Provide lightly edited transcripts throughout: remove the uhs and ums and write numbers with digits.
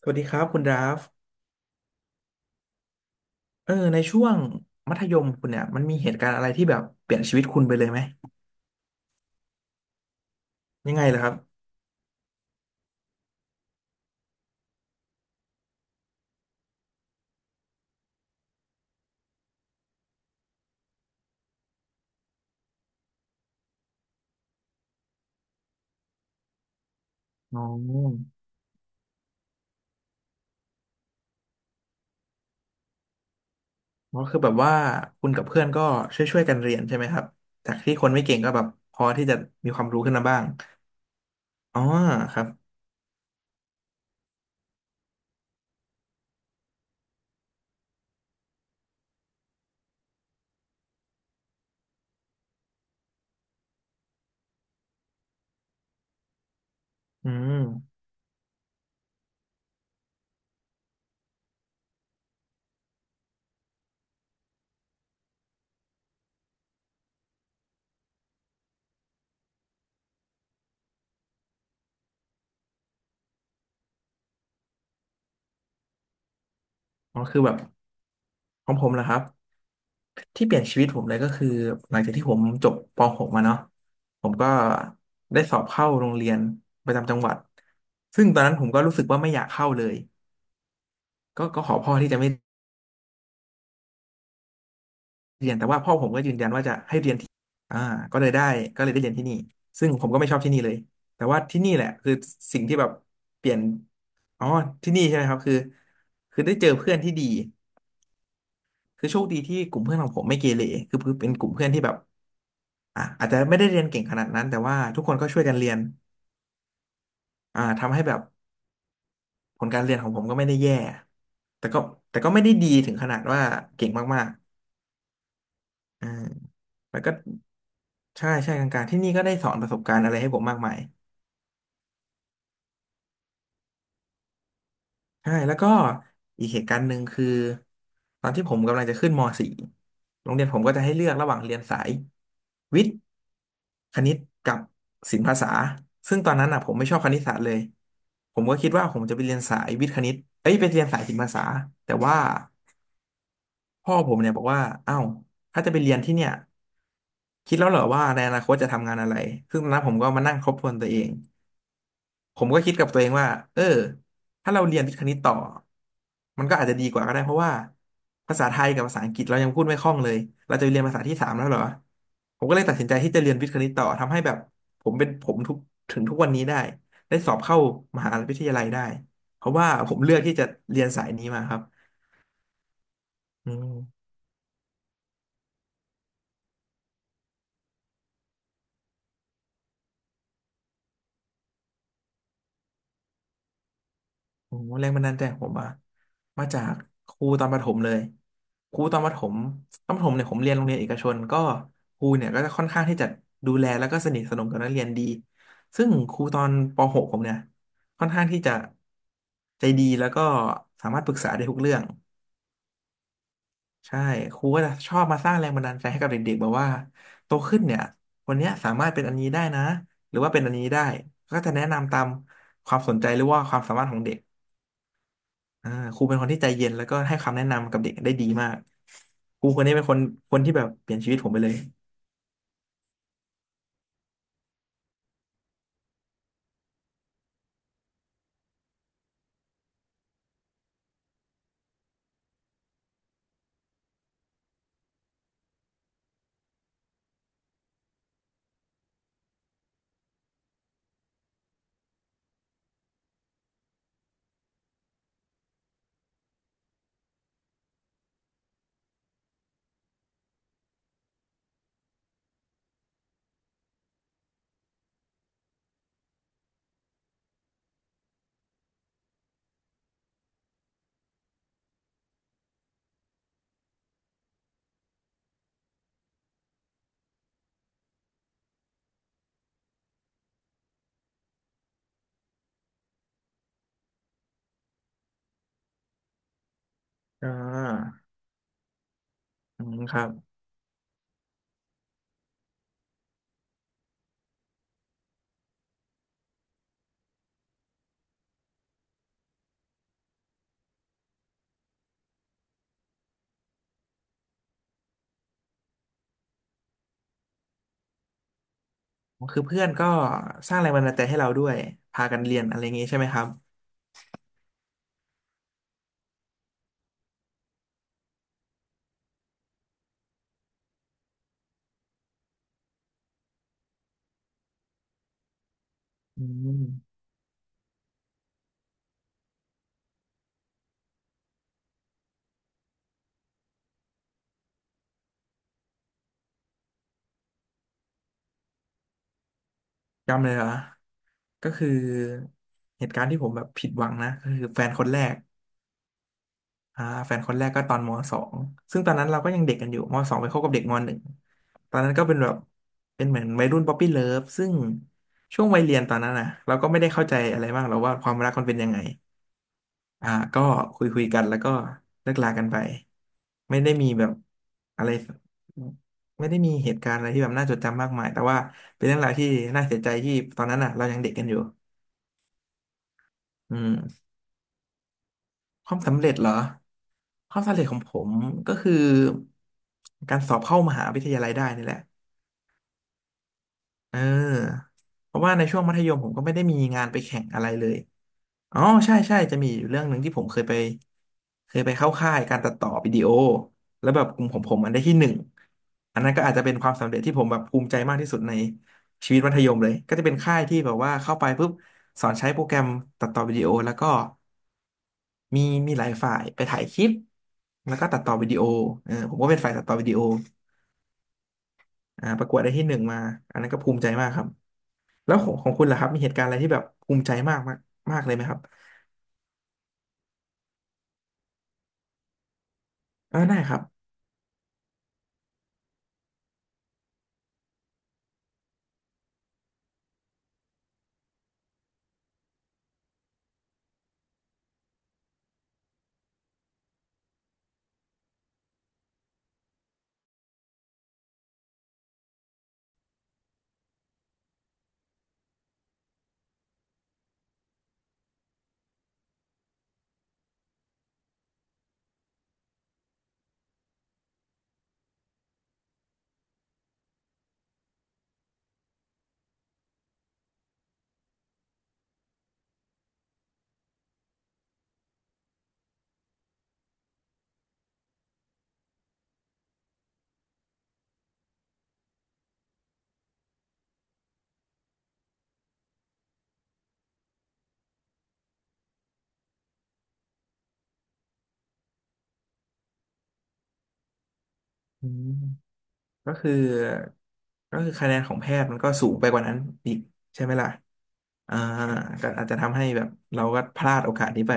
สวัสดีครับคุณดราฟในช่วงมัธยมคุณเนี่ยมันมีเหตุการณ์อะไรที่แบบเปลี่ยนชีวิตคุณไปเลยไหมยังไงเหรอครับอ๋อก็คือแบบว่าคุณกับเพื่อนก็ช่วยๆกันเรียนใช่ไหมครับจากที่คนไม่เก่งก็แบบพอที่จะมีความรู้ขึ้นมาบ้างอ๋อครับอืมอ๋อคือแบบของผมนะครับที่เปลี่ยนชีวิตผมเลยก็คือหลังจากที่ผมจบป .6 มาเนาะผมก็ได้สอบเข้าโรงเรียนประจำจังหวัดซึ่งตอนนั้นผมก็รู้สึกว่าไม่อยากเข้าเลยก็ขอพ่อที่จะไม่ เรียนแต่ว่าพ่อผมก็ยืนยันว่าจะให้เรียนที่อ่าก็เลยได้ก็เลยได้เรียนที่นี่ซึ่งผมก็ไม่ชอบที่นี่เลยแต่ว่าที่นี่แหละคือสิ่งที่แบบเปลี่ยนอ๋อที่นี่ใช่ไหมครับคือคือได้เจอเพื่อนที่ดีคือโชคดีที่กลุ่มเพื่อนของผมไม่เกเรคือเป็นกลุ่มเพื่อนที่แบบอ่ะอาจจะไม่ได้เรียนเก่งขนาดนั้นแต่ว่าทุกคนก็ช่วยกันเรียนทำให้แบบผลการเรียนของผมก็ไม่ได้แย่แต่ก็แต่ก็ไม่ได้ดีถึงขนาดว่าเก่งมากๆอ่าแล้วก็ใช่ใช่กลางๆที่นี่ก็ได้สอนประสบการณ์อะไรให้ผมมากมาย ใช่แล้วก็อีกเหตุการณ์หนึ่งคือตอนที่ผมกำลังจะขึ้นม .4 โรงเรียนผมก็จะให้เลือกระหว่างเรียนสายวิทย์คณิตกับศิลปภาษาซึ่งตอนนั้นอ่ะผมไม่ชอบคณิตศาสตร์เลยผมก็คิดว่าผมจะไปเรียนสายวิทย์คณิตเอ้ยไปเรียนสายศิลปภาษาแต่ว่าพ่อผมเนี่ยบอกว่าอ้าวถ้าจะไปเรียนที่เนี่ยคิดแล้วเหรอว่าในอนาคตจะทำงานอะไรซึ่งตอนนั้นผมก็มานั่งทบทวนตัวเอง ผมก็คิดกับตัวเองว่าเออถ้าเราเรียนวิทย์คณิตต่อ มันก็อาจจะดีกว่าก็ได้เพราะว่าภาษาไทยกับภาษาอังกฤษเรายังพูดไม่คล่องเลยเราจะไปเรียนภาษาที่สามแล้วเหรอผมก็เลยตัดสินใจที่จะเรียนวิทย์คณิตต่อทำให้แบบผมเป็นผมทุกถึงทุกวันนี้ได้ได้สอบเข้ามหาวิทยาลัยได้เพราะว่าผมเลือกที่จะเรียนสายนี้มาครับอืม โอ้โหแรงบันดาลใจของผมอะมาจากครูตอนประถมเลยครูตอนประถมตอนประถมเนี่ยผมเรียนโรงเรียนเอกชนก็ครูเนี่ยก็จะค่อนข้างที่จะดูแลแล้วก็สนิทสนมกับนักเรียนดีซึ่งครูตอนป .6 ผมเนี่ยค่อนข้างที่จะใจดีแล้วก็สามารถปรึกษาได้ทุกเรื่องใช่ครูก็จะชอบมาสร้างแรงบันดาลใจให้กับเด็กๆแบบว่าโตขึ้นเนี่ยวันเนี้ยสามารถเป็นอันนี้ได้นะหรือว่าเป็นอันนี้ได้ก็จะแนะนำตามความสนใจหรือว่าความสามารถของเด็ก อ่าครูเป็นคนที่ใจเย็นแล้วก็ให้คำแนะนำกับเด็กได้ดีมากครูคนนี้เป็นคนคนที่แบบเปลี่ยนชีวิตผมไปเลยอ่าอืมครับคือเพื่อนก็สร้างแรงบันดาลใจให้เราด้วยพากันเรียนอะไรอย่างงี้ใช่ไหมครับอืมจำเลยเหรอก็คือเหตุการณ์ที่ผมแบบผิดหวังนะก็คือแฟนคนแรก แฟนคนแรกก็ตอนมสองซึ่งตอนนั้นเราก็ยังเด็กกันอยู่มสองไปคบกับเด็กมหนึ่งตอนนั้นก็เป็นแบบ เป็นเหมือนวัยรุ่นป๊อปปี้เลิฟซึ่งช่วงวัยเรียนตอนนั้นนะเราก็ไม่ได้เข้าใจอะไรมากหรอกว่าความรักมันเป็นยังไงอ่าก็คุยกันแล้วก็เลิกลากันไปไม่ได้มีแบบอะไรไม่ได้มีเหตุการณ์อะไรที่แบบน่าจดจำมากมาย แต่ว่าเป็นเรื่องราวที่น่าเสียใจที่ตอนนั้นอ่ะเรายังเด็กกันอยู่อืม ความสำเร็จเหรอความสำเร็จของผมก็คือการสอบเข้ามหาวิทยาลัยได้นี่แหละเออเพราะว่าในช่วงมัธยมผมก็ไม่ได้มีงานไปแข่งอะไรเลยอ๋อใช่ใช่จะมีอยู่เรื่องหนึ่งที่ผมเคยไปเคยไปเข้าค่ายการตัดต่อวิดีโอแล้วแบบกลุ่มของผมมันได้ที่หนึ่งอันนั้นก็อาจจะเป็นความสำเร็จที่ผมแบบภูมิใจมากที่สุดในชีวิตมัธยมเลยก็จะเป็นค่ายที่แบบว่าเข้าไปปุ๊บสอนใช้โปรแกรมตัดต่อวิดีโอแล้วก็ มีมีหลายฝ่ายไปถ่ายคลิปแล้วก็ตัดต่อวิดีโอเออผมก็เป็นฝ่ายตัดต่อวิดีโอประกวดได้ที่หนึ่งมาอันนั้นก็ภูมิใจมากครับแล้วของคุณล่ะครับมีเหตุการณ์อะไรที่แบบภูมิใจมากมากมากเลยไหมครับเออได้ครับอืมก็คือก็คือคะแนนของแพทย์มันก็สูงไปกว่านั้นอีกใช่ไหมล่ะอ่าก็อาจจะทำให้แบบเราก็พลาดโอกาสนี้ไป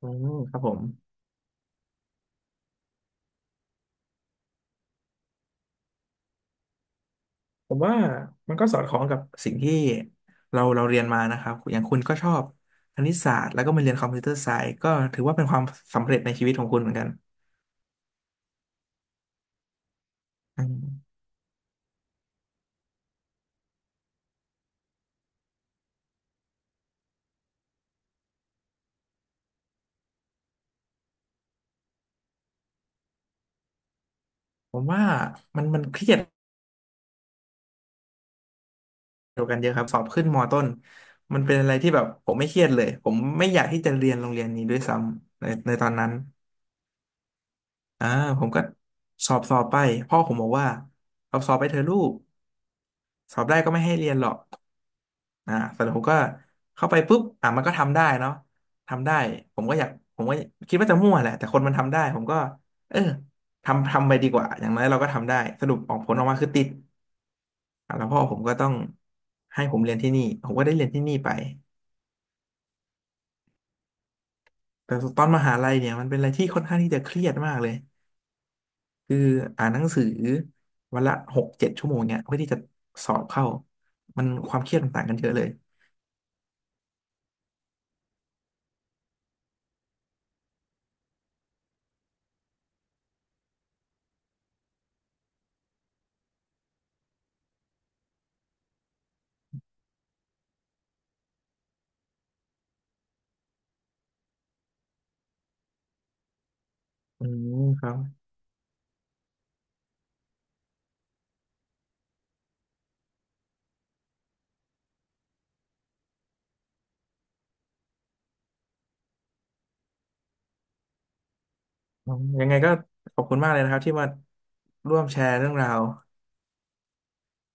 อืมครับผม ผมว่ามันก็สอดคล้องกับสิ่งที่เราเรียนมานะครับอย่างคุณก็ชอบคณิตศาสตร์แล้วก็มาเรียนคอมพิวเตอร์ไซส์ก็ถือว่าเป็นความสำเร็จในชีวิตของคุณเหมือนกันอืมผมว่ามันเครียดเกี่ยวกันเยอะครับสอบขึ้นมต้นมันเป็นอะไรที่แบบผมไม่เครียดเลยผมไม่อยากที่จะเรียนโรงเรียนนี้ด้วยซ้ำในตอนนั้นอ่าผมก็สอบไปพ่อผมบอกว่าสอบไปเถอะลูกสอบได้ก็ไม่ให้เรียนหรอก เสร็จแล้วผมก็เข้าไปปุ๊บอ่ะมันก็ทำได้เนาะทำได้ผมก็อยากผมก็คิดว่าจะมั่วแหละแต่คนมันทำได้ผมก็เออทำไปดีกว่าอย่างน้อยเราก็ทำได้สรุปออกผลออกมาคือติดอ่ะแล้วพ่อผมก็ต้องให้ผมเรียนที่นี่ผมก็ได้เรียนที่นี่ไปแต่ตอนมหาลัยเนี่ยมันเป็นอะไรที่ค่อนข้างที่จะเครียดมากเลยคืออ่านหนังสือวันละหกเจ็ดชั่วโมงเนี่ยเพื่อที่จะสอบเข้ามันความเครียดมันต่างกันเยอะเลยอืมครับ อืมยังไงก็ขอบคุณมากเลยนะครับที่มาร่วมแชร์เรื่องราว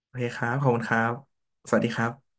โอเคครับขอบคุณครับสวัสดีครับ